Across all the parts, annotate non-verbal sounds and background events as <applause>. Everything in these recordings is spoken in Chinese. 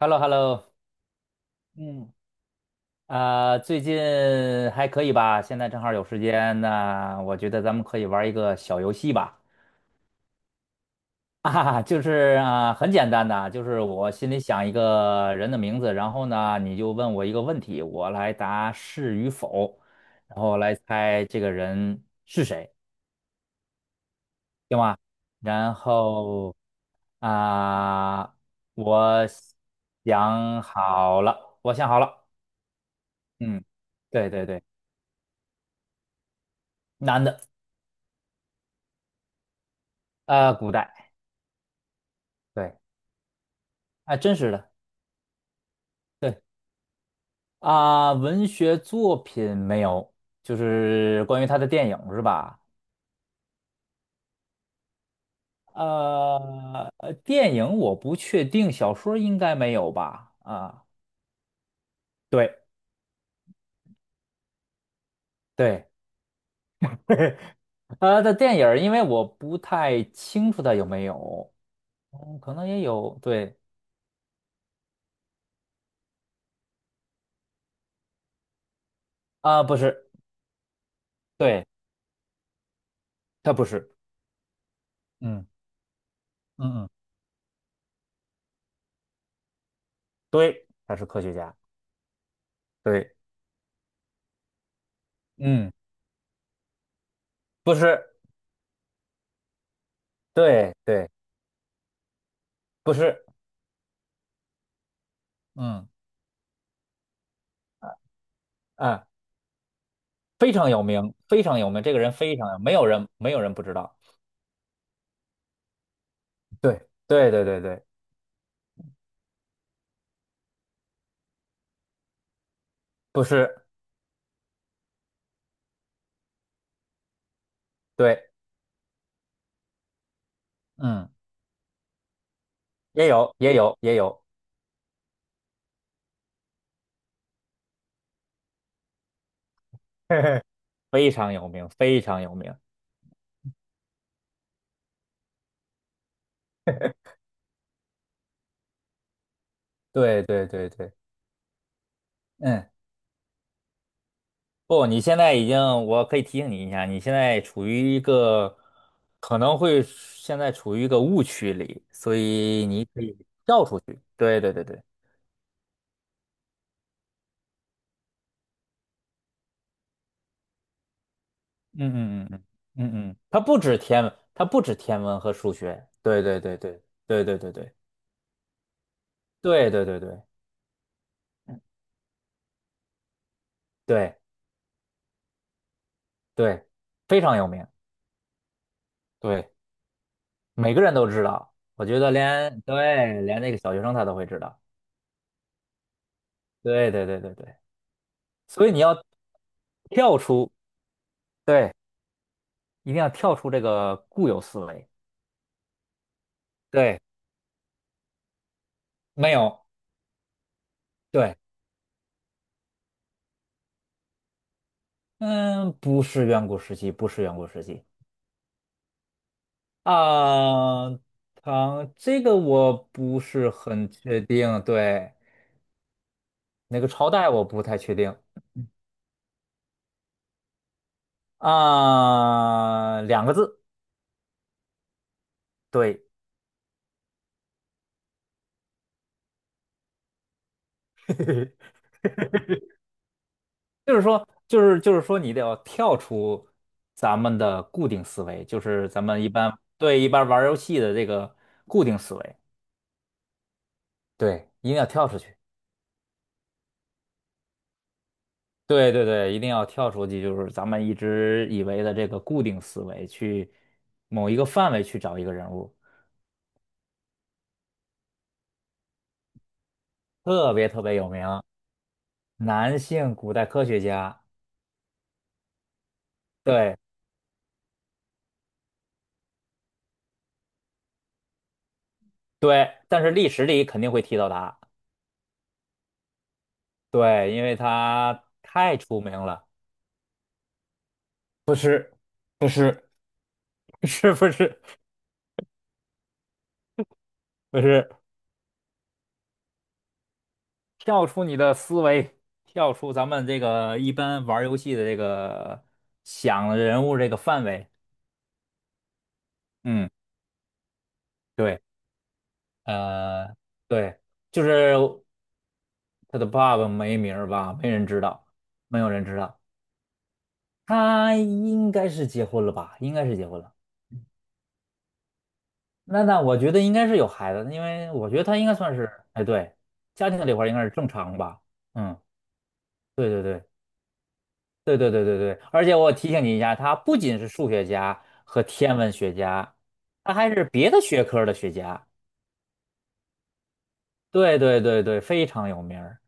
h e l l o h e l l o 嗯，啊，最近还可以吧？现在正好有时间，那我觉得咱们可以玩一个小游戏吧。<laughs> 啊，就是啊，很简单的，就是我心里想一个人的名字，然后呢，你就问我一个问题，我来答是与否，然后来猜这个人是谁，行吗？然后啊，我想好了，我想好了，嗯，对对对，男的。古代，对，啊，真实的，对啊，文学作品没有，就是关于他的电影是吧？电影我不确定，小说应该没有吧？啊，对对，<laughs> 的电影儿因为我不太清楚他有没有，可能也有，对啊，不是，对，他不是，嗯嗯嗯，对，他是科学家，对，嗯，不是，对对，不是，嗯。啊。非常有名，非常有名，这个人非常有，没有人不知道。对对对对对，不是，对，嗯，也有也有也有，<laughs> 非常有名，非常有名。对对对对，嗯，不，你现在已经，我可以提醒你一下，你现在处于一个可能会现在处于一个误区里，所以你可以跳出去。对对对对，嗯嗯嗯嗯嗯嗯，它不止天文和数学。对对对对对对对对。对对对对对对，非常有名，对，每个人都知道。我觉得连，对，连那个小学生他都会知道。对对对对对，所以你要跳出，对，一定要跳出这个固有思维。对，没有，对，嗯，不是远古时期，不是远古时期啊，唐，这个我不是很确定，对，那个朝代我不太确定啊，两个字，对。<laughs> 就是说，就是说，你得要跳出咱们的固定思维，就是咱们一般，对，一般玩儿游戏的这个固定思维，对，一定要跳出去。对对对，一定要跳出去，就是咱们一直以为的这个固定思维，去某一个范围去找一个人物，特别特别有名，男性古代科学家。对对，但是历史里肯定会提到他，对，因为他太出名了。不是，<laughs> 不是，不是，不是。跳出你的思维，跳出咱们这个一般玩儿游戏的这个想人物这个范围。嗯，对，呃，对，就是他的爸爸没名儿吧，没人知道，没有人知道，他应该是结婚了吧？应该是结婚了。那我觉得应该是有孩子因为我觉得他应该算是，哎，对，家庭这块儿应该是正常吧。嗯，对对对。对对对对对，而且我提醒你一下，他不仅是数学家和天文学家，他还是别的学科的学家。对对对对，非常有名儿，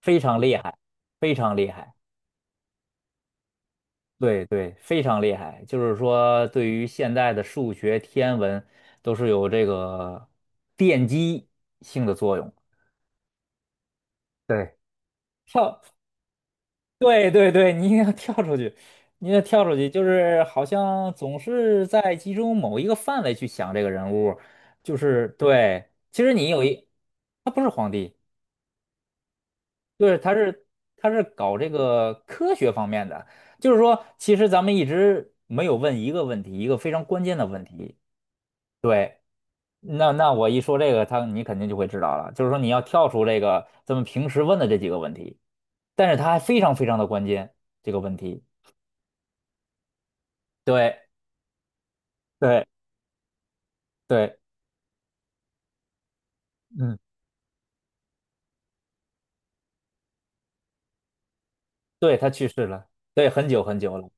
非常厉害，非常厉害。对对，非常厉害。就是说，对于现在的数学、天文，都是有这个奠基性的作用。对。跳对对对，你一定要跳出去，你得跳出去，就是好像总是在集中某一个范围去想这个人物，就是对。其实你他不是皇帝，对，他是搞这个科学方面的，就是说，其实咱们一直没有问一个问题，一个非常关键的问题。对，那我一说这个，他你肯定就会知道了，就是说你要跳出这个咱们平时问的这几个问题，但是它还非常非常的关键，这个问题。对。对对，嗯，对，他去世了，对，很久很久了，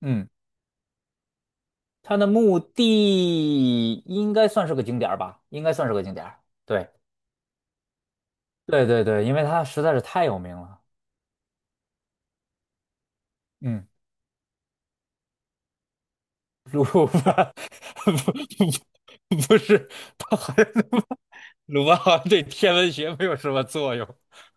嗯，他的墓地应该算是个景点儿吧，应该算是个景点儿，对，对对对，因为他实在是太有名了，嗯，鲁班 <laughs> 不不不是，他好像鲁班好像对天文学没有什么作用 <laughs>。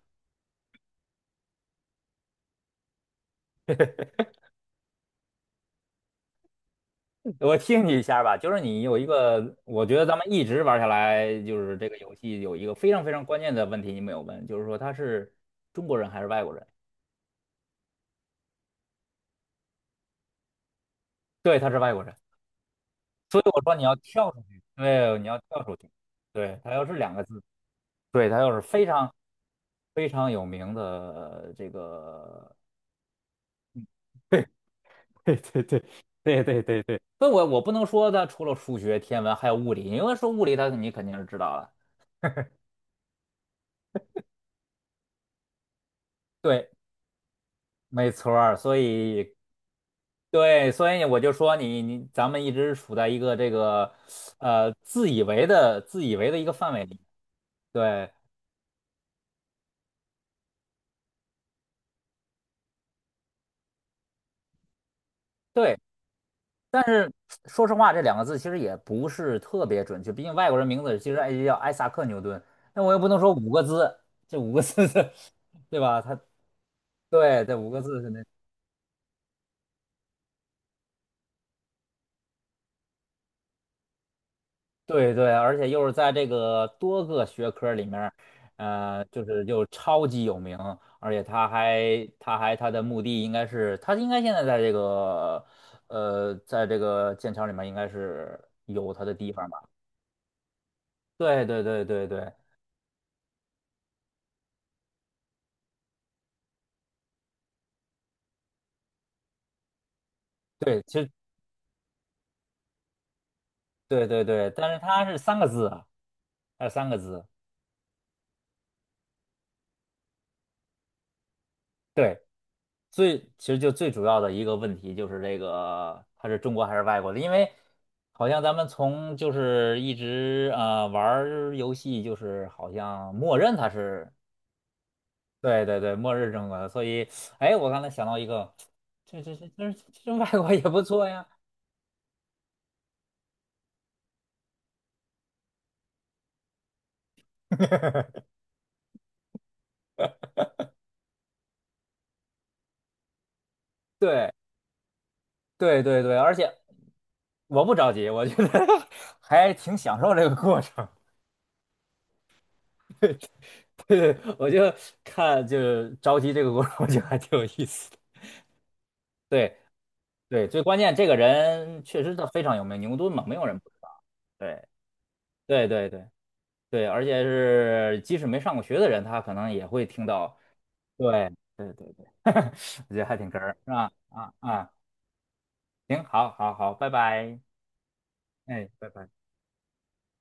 我听你一下吧，就是你有一个，我觉得咱们一直玩下来，就是这个游戏有一个非常非常关键的问题你没有问，就是说他是中国人还是外国人？对，他是外国人，所以我说你要跳出去，对，你要跳出去，对，他要是两个字，对，他要是非常非常有名的这个，<laughs> 对对对对对对对对，所以我不能说他除了数学、天文还有物理，因为说物理他你肯定是知道了，对，没错儿，所以对，所以我就说你咱们一直处在一个这个自以为的一个范围里，对。对，但是说实话，这2个字其实也不是特别准确，毕竟外国人名字其实哎叫艾萨克牛顿，那我又不能说五个字，这五个字是，<laughs> 对吧？他对这五个字是那对对，而且又是在这个多个学科里面儿就是又超级有名，而且他还他的墓地应该是他应该现在在这个在这个剑桥里面应该是有他的地方吧？对对对对对。对，其实对对对，但是它是三个字啊，它是三个字。对，其实就最主要的一个问题就是这个，它是中国还是外国的？因为好像咱们从就是一直玩儿游戏，就是好像默认它是，对对对，默认中国的。所以，哎，我刚才想到一个，这这这这这外国也不错呀。<laughs> 对对对对，而且我不着急，我觉得 <laughs> 还挺享受这个过程。<laughs> <laughs> 对对，我就看就是着急这个过程，我觉得还挺有意思的。对对，最关键这个人确实他非常有名，牛顿嘛，没有人不知道。对对对对对，而且是即使没上过学的人，他可能也会听到。对对对对，<laughs> 我觉得还挺哏儿，是吧？啊啊，行，好，好，好，拜拜，哎，拜拜。